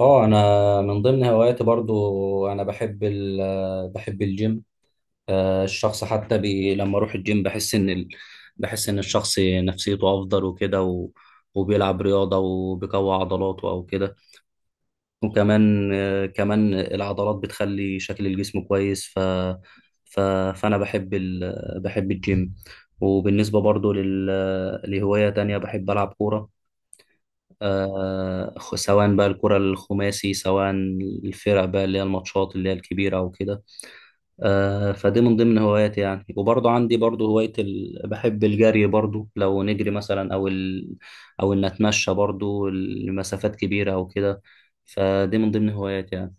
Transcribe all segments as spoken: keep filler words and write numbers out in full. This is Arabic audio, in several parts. اه، انا من ضمن هواياتي برضو. انا بحب ال بحب الجيم. آه، الشخص حتى بي لما اروح الجيم بحس ان ال بحس ان الشخص نفسيته افضل وكده و وبيلعب رياضة وبيقوي عضلاته أو كده. وكمان آه، كمان العضلات بتخلي شكل الجسم كويس، ف ف فأنا بحب ال بحب الجيم. وبالنسبة برضو لل لهواية تانية، بحب ألعب كورة. آه، خ- سواء بقى الكرة الخماسي، سواء الفرق بقى اللي هي الماتشات اللي هي الكبيرة وكده. آه، فدي من ضمن هواياتي يعني. وبرضه عندي برضه هواية ال... بحب الجري برضه، لو نجري مثلا أو ال... أو إن أتمشى برضه لمسافات كبيرة أو كده. فدي من ضمن هواياتي يعني.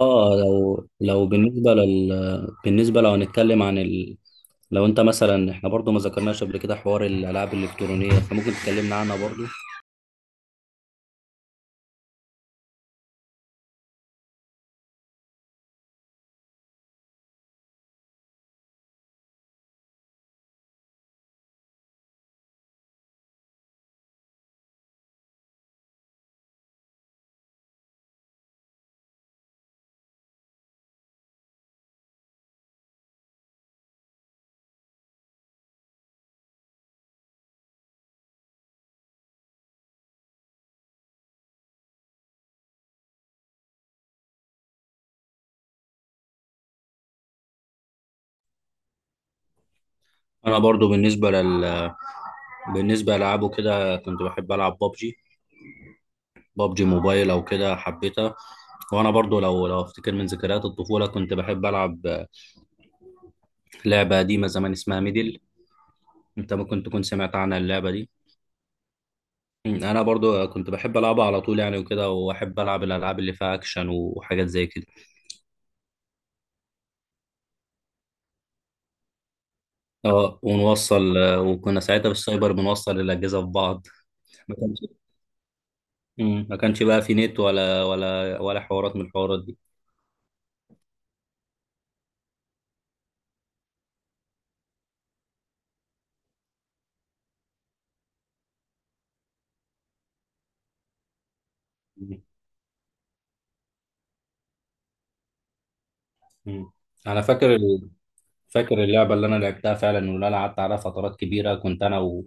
اه، لو لو بالنسبة لل بالنسبة لو هنتكلم عن ال... لو انت مثلا، احنا برضه ما ذكرناش قبل كده حوار الألعاب الإلكترونية، فممكن تكلمنا عنها برضه. انا برضو بالنسبه لل بالنسبه لالعابه كده، كنت بحب العب بابجي، بابجي موبايل او كده، حبيتها. وانا برضو لو لو افتكر من ذكريات الطفوله، كنت بحب العب لعبه قديمه زمان اسمها ميدل. انت ممكن تكون سمعت عنها اللعبه دي. انا برضو كنت بحب العبها على طول يعني وكده، واحب العب الالعاب اللي فيها اكشن وحاجات زي كده. اه، ونوصل، وكنا ساعتها بالسايبر بنوصل الاجهزه في بعض. ما كانش، مم. ما كانش بقى في نت ولا ولا ولا حوارات من الحوارات دي. مم. مم. انا فاكر، فاكر اللعبة اللي أنا لعبتها فعلا واللي أنا قعدت عليها فترات كبيرة. كنت أنا و...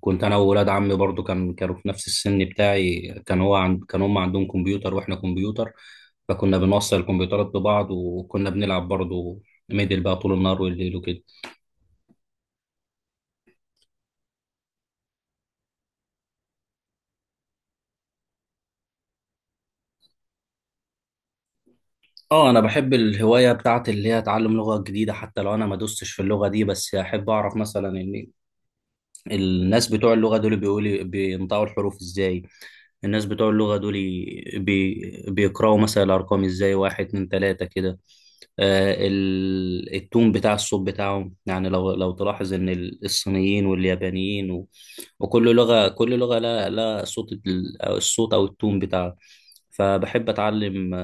كنت أنا وولاد عمي برضو، كان كانوا في نفس السن بتاعي. كان هو عند... كان هم عندهم كمبيوتر وإحنا كمبيوتر، فكنا بنوصل الكمبيوترات ببعض وكنا بنلعب برضو ميدل بقى طول النهار والليل وكده. اه، انا بحب الهوايه بتاعت اللي هي اتعلم لغه جديده. حتى لو انا ما دوستش في اللغه دي، بس احب اعرف مثلا ان الناس بتوع اللغة دول بيقولي بينطقوا الحروف ازاي. الناس بتوع اللغة دول بي... بيقرأوا مثلا الأرقام ازاي، واحد اتنين تلاتة كده. آه، ال... التون بتاع الصوت بتاعهم يعني، لو لو تلاحظ إن ال- الصينيين واليابانيين و... وكل لغة، كل لغة لا لا صوت ال- أو الصوت أو التون بتاعها. فبحب أتعلم.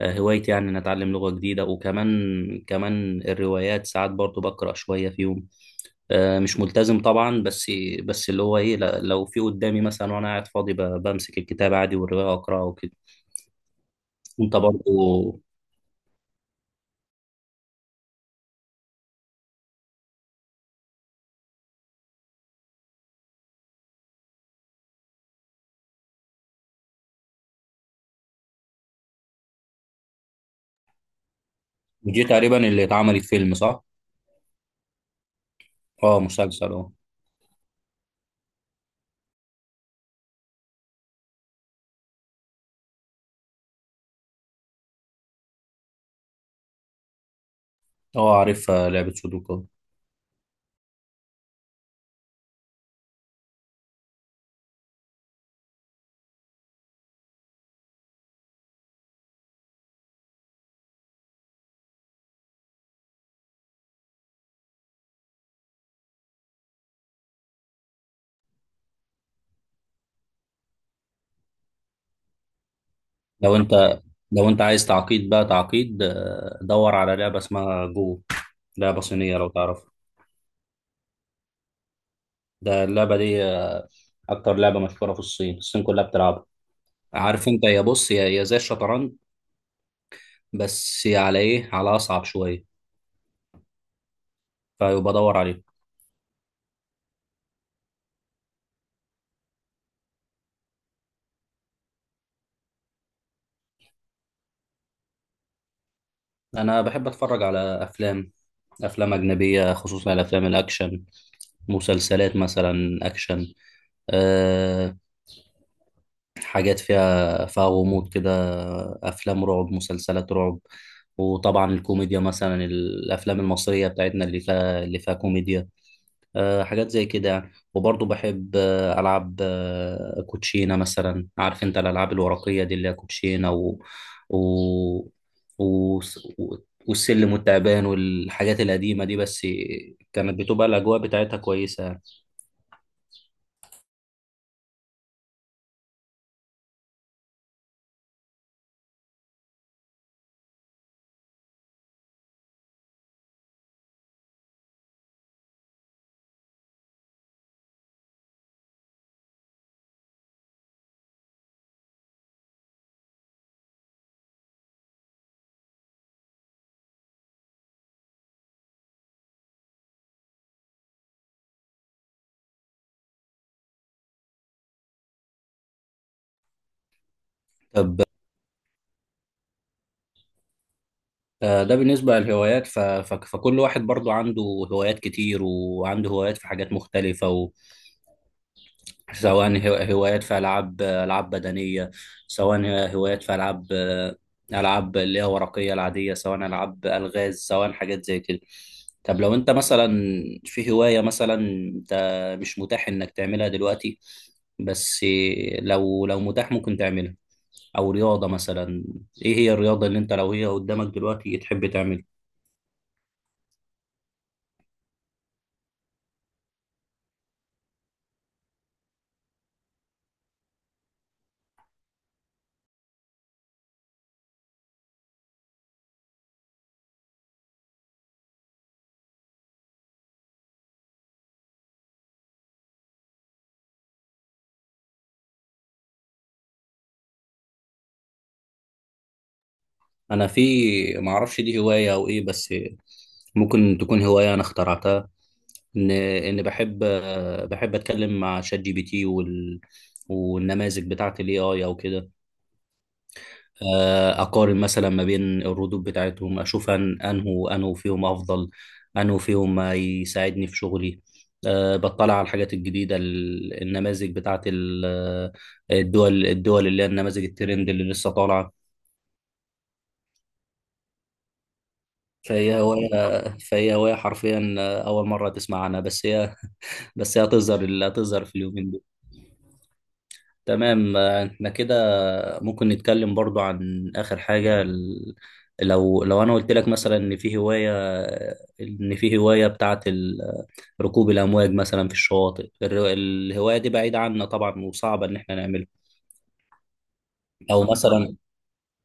آه، هوايتي يعني إن أتعلم لغة جديدة. وكمان كمان الروايات ساعات برضو بقرأ شوية فيهم. آه، مش ملتزم طبعا، بس بس اللي هو ايه، لا- لو في قدامي مثلا وانا قاعد فاضي، ب- بمسك الكتاب عادي والروايه اقراها وكده. انت برضو؟ دي تقريبا اللي اتعملت فيلم، صح؟ اه، مسلسل، اه. اه، عارفها لعبه سودوكو. لو انت لو انت عايز تعقيد بقى، تعقيد، آه، دور على لعبه اسمها جو، لعبه صينيه، لو تعرفها. ده اللعبه دي، آه، اكتر لعبه مشهوره في الصين، الصين كلها بتلعبها. عارف انت، يا بص، يا يا زي الشطرنج، بس على ايه، على اصعب شويه. فيبقى دور عليه. انا بحب اتفرج على افلام، افلام اجنبيه، خصوصا الافلام الاكشن، مسلسلات مثلا اكشن. أه، حاجات فيها فيها غموض كده، افلام رعب، مسلسلات رعب. وطبعا الكوميديا، مثلا الافلام المصريه بتاعتنا اللي فيها اللي فيها كوميديا. آه، حاجات زي كده يعني. وبرضه بحب، آه، ألعب، آه، كوتشينة مثلا. عارف أنت الألعاب الورقية دي اللي هي كوتشينة و... و... و... والسلم والتعبان والحاجات القديمة دي، بس كانت بتبقى الأجواء بتاعتها كويسة يعني. طب، آه، ده بالنسبة للهوايات، ف... ف... فكل واحد برضه عنده هوايات كتير، وعنده هوايات في حاجات مختلفة. سواء هو- هوايات في ألعاب، ألعاب بدنية، سواء هوايات في ألعاب، ألعاب اللي هي ورقية العادية، سواء ألعاب ألغاز، سواء حاجات زي كده. طب لو أنت مثلا في هواية مثلا أنت مش متاح إنك تعملها دلوقتي، بس لو لو متاح ممكن تعملها، أو رياضة مثلا، إيه هي الرياضة اللي أنت لو هي قدامك دلوقتي تحب تعملها؟ أنا في، معرفش دي هواية أو إيه، بس ممكن تكون هواية أنا اخترعتها، ان ان بحب، بحب اتكلم مع شات جي بي تي وال والنماذج بتاعت الاي اي او كده. آه، اقارن مثلا ما بين الردود بتاعتهم، اشوف أن- انه انه فيهم افضل، انه فيهم ما يساعدني في شغلي. أه، بطلع على الحاجات الجديدة، ال- النماذج بتاعت ال- الدول الدول اللي هي النماذج الترند اللي لسه طالعة. فهي هواية، فهي هواية حرفيا. أول مرة تسمع عنها، بس هي، بس هي هتظهر هتظهر في اليومين دول. تمام، آه، احنا كده ممكن نتكلم برضو عن آخر حاجة ال- لو لو أنا قلت لك مثلا إن في هواية، إن في هواية بتاعة ال- ركوب الأمواج مثلا في الشواطئ، الر- الهواية دي بعيدة عنا طبعا وصعبة إن احنا نعملها. أو مثلا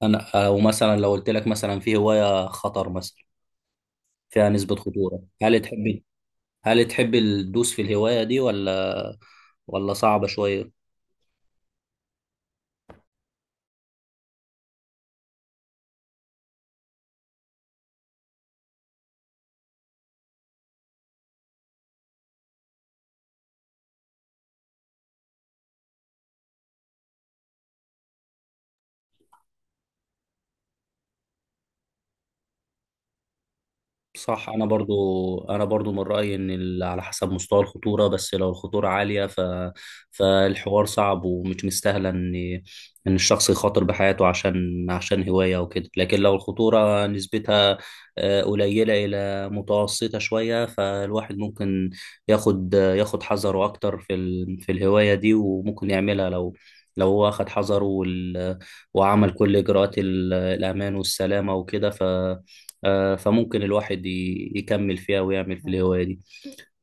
أنا، أو مثلا لو قلت لك مثلا في هواية خطر مثلا، فيها نسبة خطورة، هل تحب، هل تحب تدوس في الهواية دي، ولا ولا صعبة شوية؟ صح، انا برضو، انا برضو من رايي ان ال- على حسب مستوى الخطوره. بس لو الخطوره عاليه، ف فالحوار صعب ومش مستاهله ان، ان الشخص يخاطر بحياته عشان، عشان هوايه وكده. لكن لو الخطوره نسبتها آه، قليله الى متوسطه شويه، فالواحد ممكن ياخد ياخد حذره اكتر في ال... في الهوايه دي، وممكن يعملها لو، لو هو اخد حذره وال... وعمل كل اجراءات ال- الامان والسلامه وكده، ف آه، فممكن الواحد ي- يكمل فيها ويعمل في الهواية دي.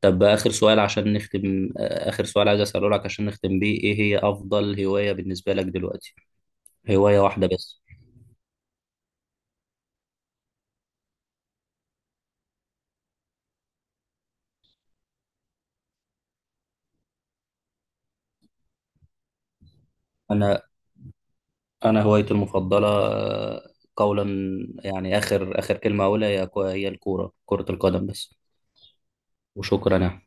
طب، آخر سؤال عشان نختم، آه، آخر سؤال عايز أسأله لك عشان نختم بيه، إيه هي أفضل هواية بالنسبة لك دلوقتي؟ هواية واحدة بس. أنا، أنا هوايتي المفضلة، آه، قولا يعني، آخر آخر كلمة أقولها، هي هي الكورة، كرة القدم بس. وشكرا يا